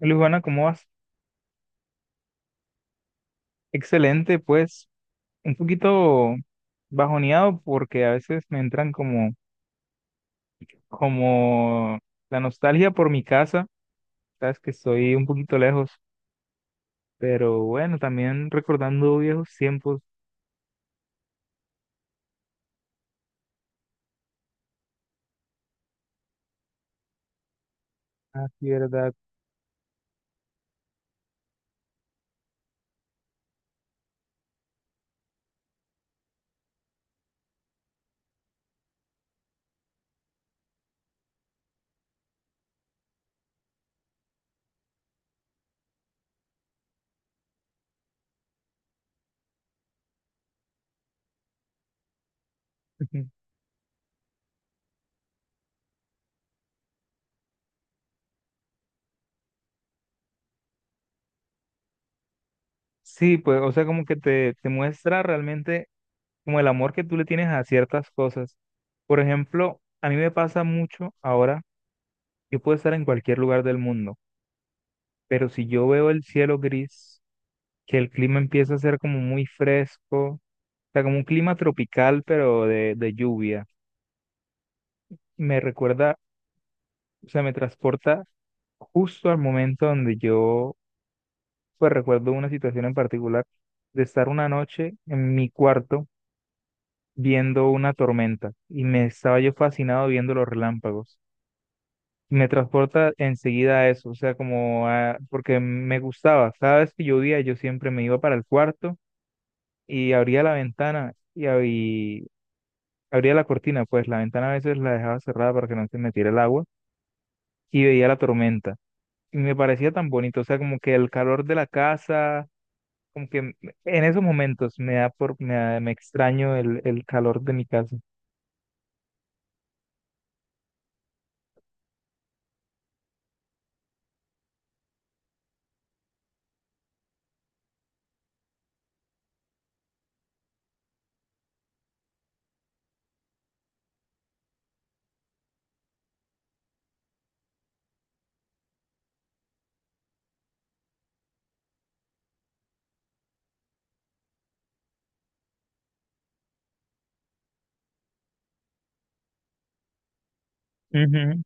Luis, ¿cómo vas? Excelente, pues un poquito bajoneado porque a veces me entran como la nostalgia por mi casa, sabes que estoy un poquito lejos, pero bueno, también recordando viejos tiempos, así, ¿verdad? Sí, pues, o sea, como que te muestra realmente como el amor que tú le tienes a ciertas cosas. Por ejemplo, a mí me pasa mucho ahora, yo puedo estar en cualquier lugar del mundo, pero si yo veo el cielo gris, que el clima empieza a ser como muy fresco, o sea, como un clima tropical, pero de lluvia. Me recuerda, o sea, me transporta justo al momento donde yo, pues recuerdo una situación en particular de estar una noche en mi cuarto viendo una tormenta y me estaba yo fascinado viendo los relámpagos. Me transporta enseguida a eso, o sea, porque me gustaba. Cada vez que llovía, yo siempre me iba para el cuarto y abría la ventana y abría la cortina, pues la ventana a veces la dejaba cerrada para que no se metiera el agua y veía la tormenta. Y me parecía tan bonito, o sea, como que el calor de la casa, como que m- en esos momentos me da por, me da- me extraño el calor de mi casa. Ujú.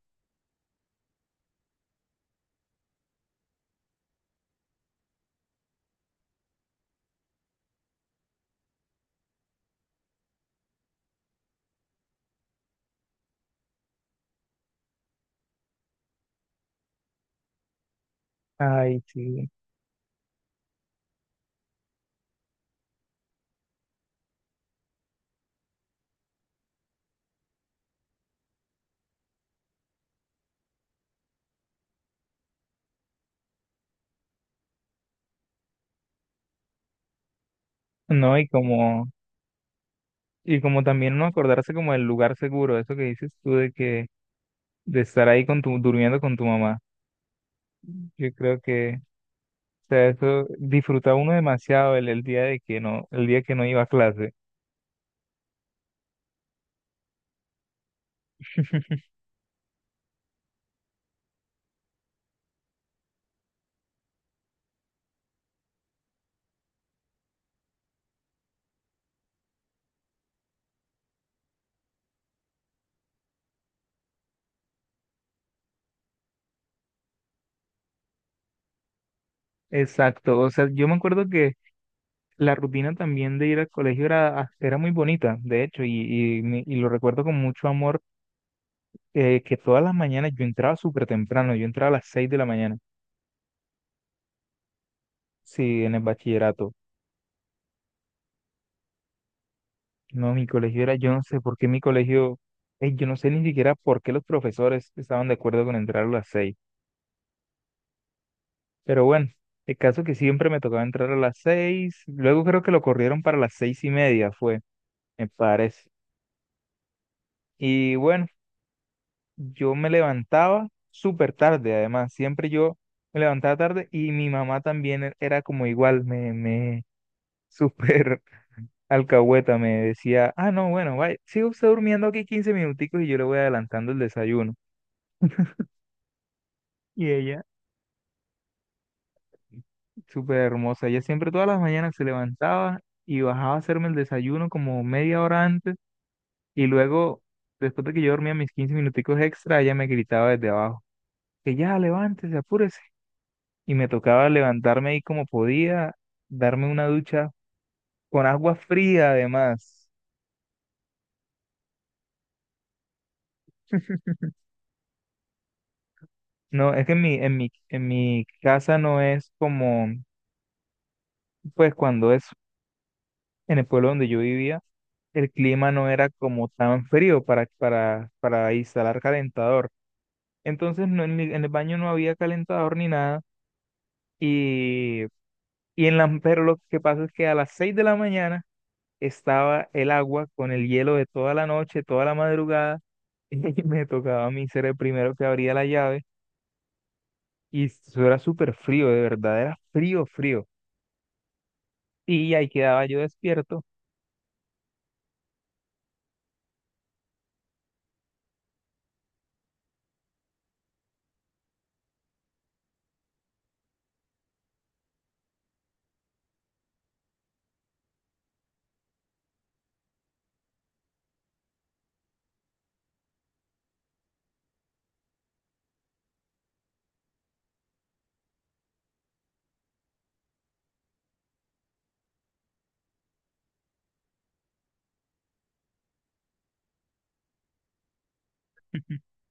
Ay, sí. No, y como también no acordarse como del lugar seguro, eso que dices tú de que, de estar ahí durmiendo con tu mamá. Yo creo que, o sea, eso disfrutaba uno demasiado el día de que no, el día que no iba a clase. Exacto, o sea, yo me acuerdo que la rutina también de ir al colegio era muy bonita, de hecho, y lo recuerdo con mucho amor, que todas las mañanas yo entraba súper temprano, yo entraba a las 6 de la mañana, sí, en el bachillerato. No, mi colegio era, yo no sé por qué mi colegio, yo no sé ni siquiera por qué los profesores estaban de acuerdo con entrar a las 6. Pero bueno, el caso que siempre me tocaba entrar a las 6, luego creo que lo corrieron para las 6:30, fue, me parece. Y bueno. Yo me levantaba súper tarde, además, siempre yo me levantaba tarde y mi mamá también era como igual, me súper alcahueta, me decía, ah, no, bueno, vaya, sigue usted durmiendo aquí 15 minuticos y yo le voy adelantando el desayuno. Y ella, súper hermosa, ella siempre todas las mañanas se levantaba y bajaba a hacerme el desayuno como media hora antes y luego, después de que yo dormía mis 15 minuticos extra, ella me gritaba desde abajo, que ya, levántese, apúrese y me tocaba levantarme ahí como podía, darme una ducha con agua fría además. No, es que en mi casa no es como, pues cuando es en el pueblo donde yo vivía, el clima no era como tan frío para, instalar calentador. Entonces no, en el baño no había calentador ni nada y, pero lo que pasa es que a las 6 de la mañana estaba el agua con el hielo de toda la noche, toda la madrugada Y me tocaba a mí ser el primero que abría la llave y eso era súper frío, de verdad, era frío, frío. Y ahí quedaba yo despierto.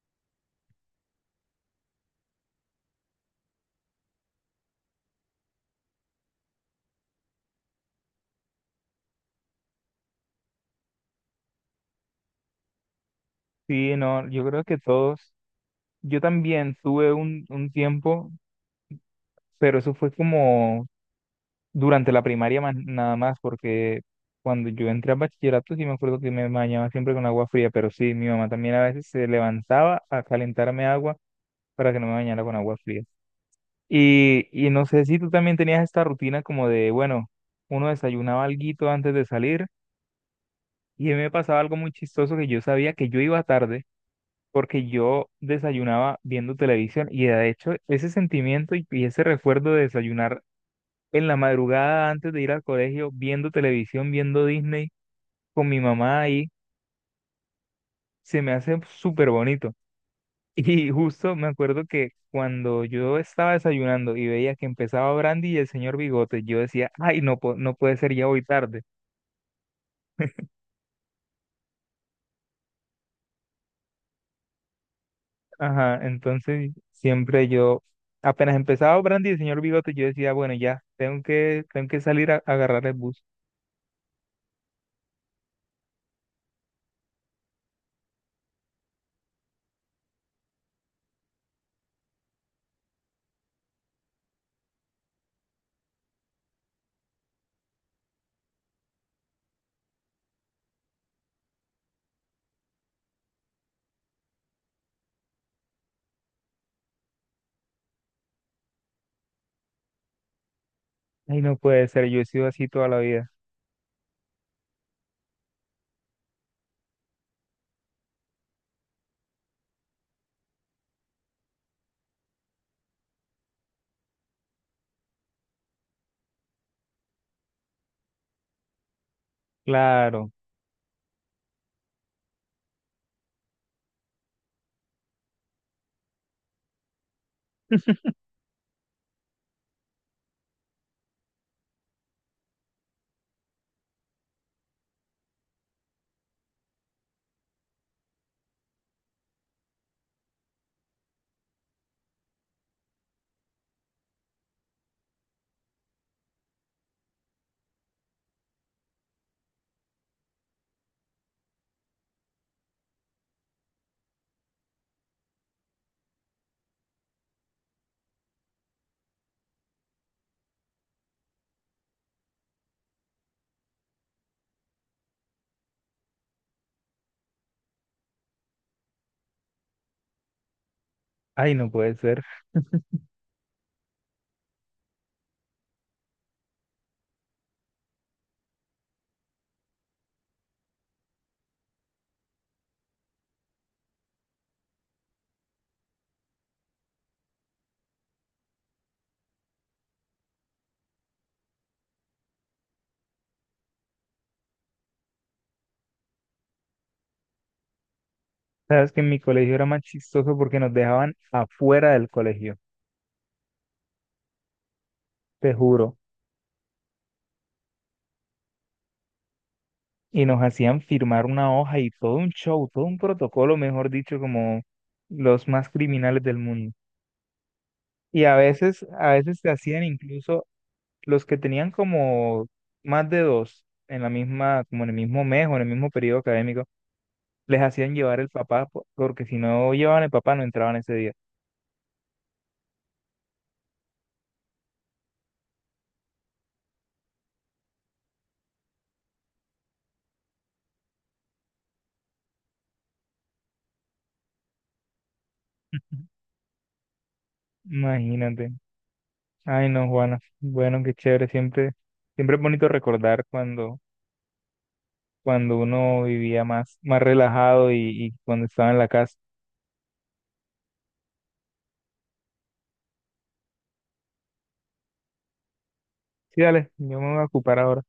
Sí, no, yo creo que todos, yo también tuve un tiempo, pero eso fue como durante la primaria nada más, porque cuando yo entré a bachillerato sí me acuerdo que me bañaba siempre con agua fría, pero sí, mi mamá también a veces se levantaba a calentarme agua para que no me bañara con agua fría. Y no sé si tú también tenías esta rutina como de, bueno, uno desayunaba alguito antes de salir y a mí me pasaba algo muy chistoso que yo sabía que yo iba tarde porque yo desayunaba viendo televisión y de hecho ese sentimiento y ese recuerdo de desayunar en la madrugada antes de ir al colegio viendo televisión, viendo Disney con mi mamá ahí, se me hace súper bonito. Y justo me acuerdo que cuando yo estaba desayunando y veía que empezaba Brandy y el señor Bigote, yo decía, ay, no, no puede ser ya hoy tarde. Ajá, entonces siempre yo, apenas empezaba Brandy y el señor Bigote, yo decía, bueno, ya, tengo que salir a agarrar el bus. Ay, no puede ser, yo he sido así toda la vida. Claro, ay, no puede ser. Sabes que en mi colegio era más chistoso porque nos dejaban afuera del colegio, te juro. Y nos hacían firmar una hoja y todo un show, todo un protocolo, mejor dicho, como los más criminales del mundo. Y a veces te hacían incluso los que tenían como más de dos en la misma, como en el mismo mes o en el mismo periodo académico, les hacían llevar el papá, porque si no llevaban el papá no entraban ese día. Imagínate. Ay, no, Juana. Bueno, qué chévere. Siempre, siempre es bonito recordar cuando, cuando uno vivía más, más relajado y cuando estaba en la casa. Sí, dale, yo me voy a ocupar ahora.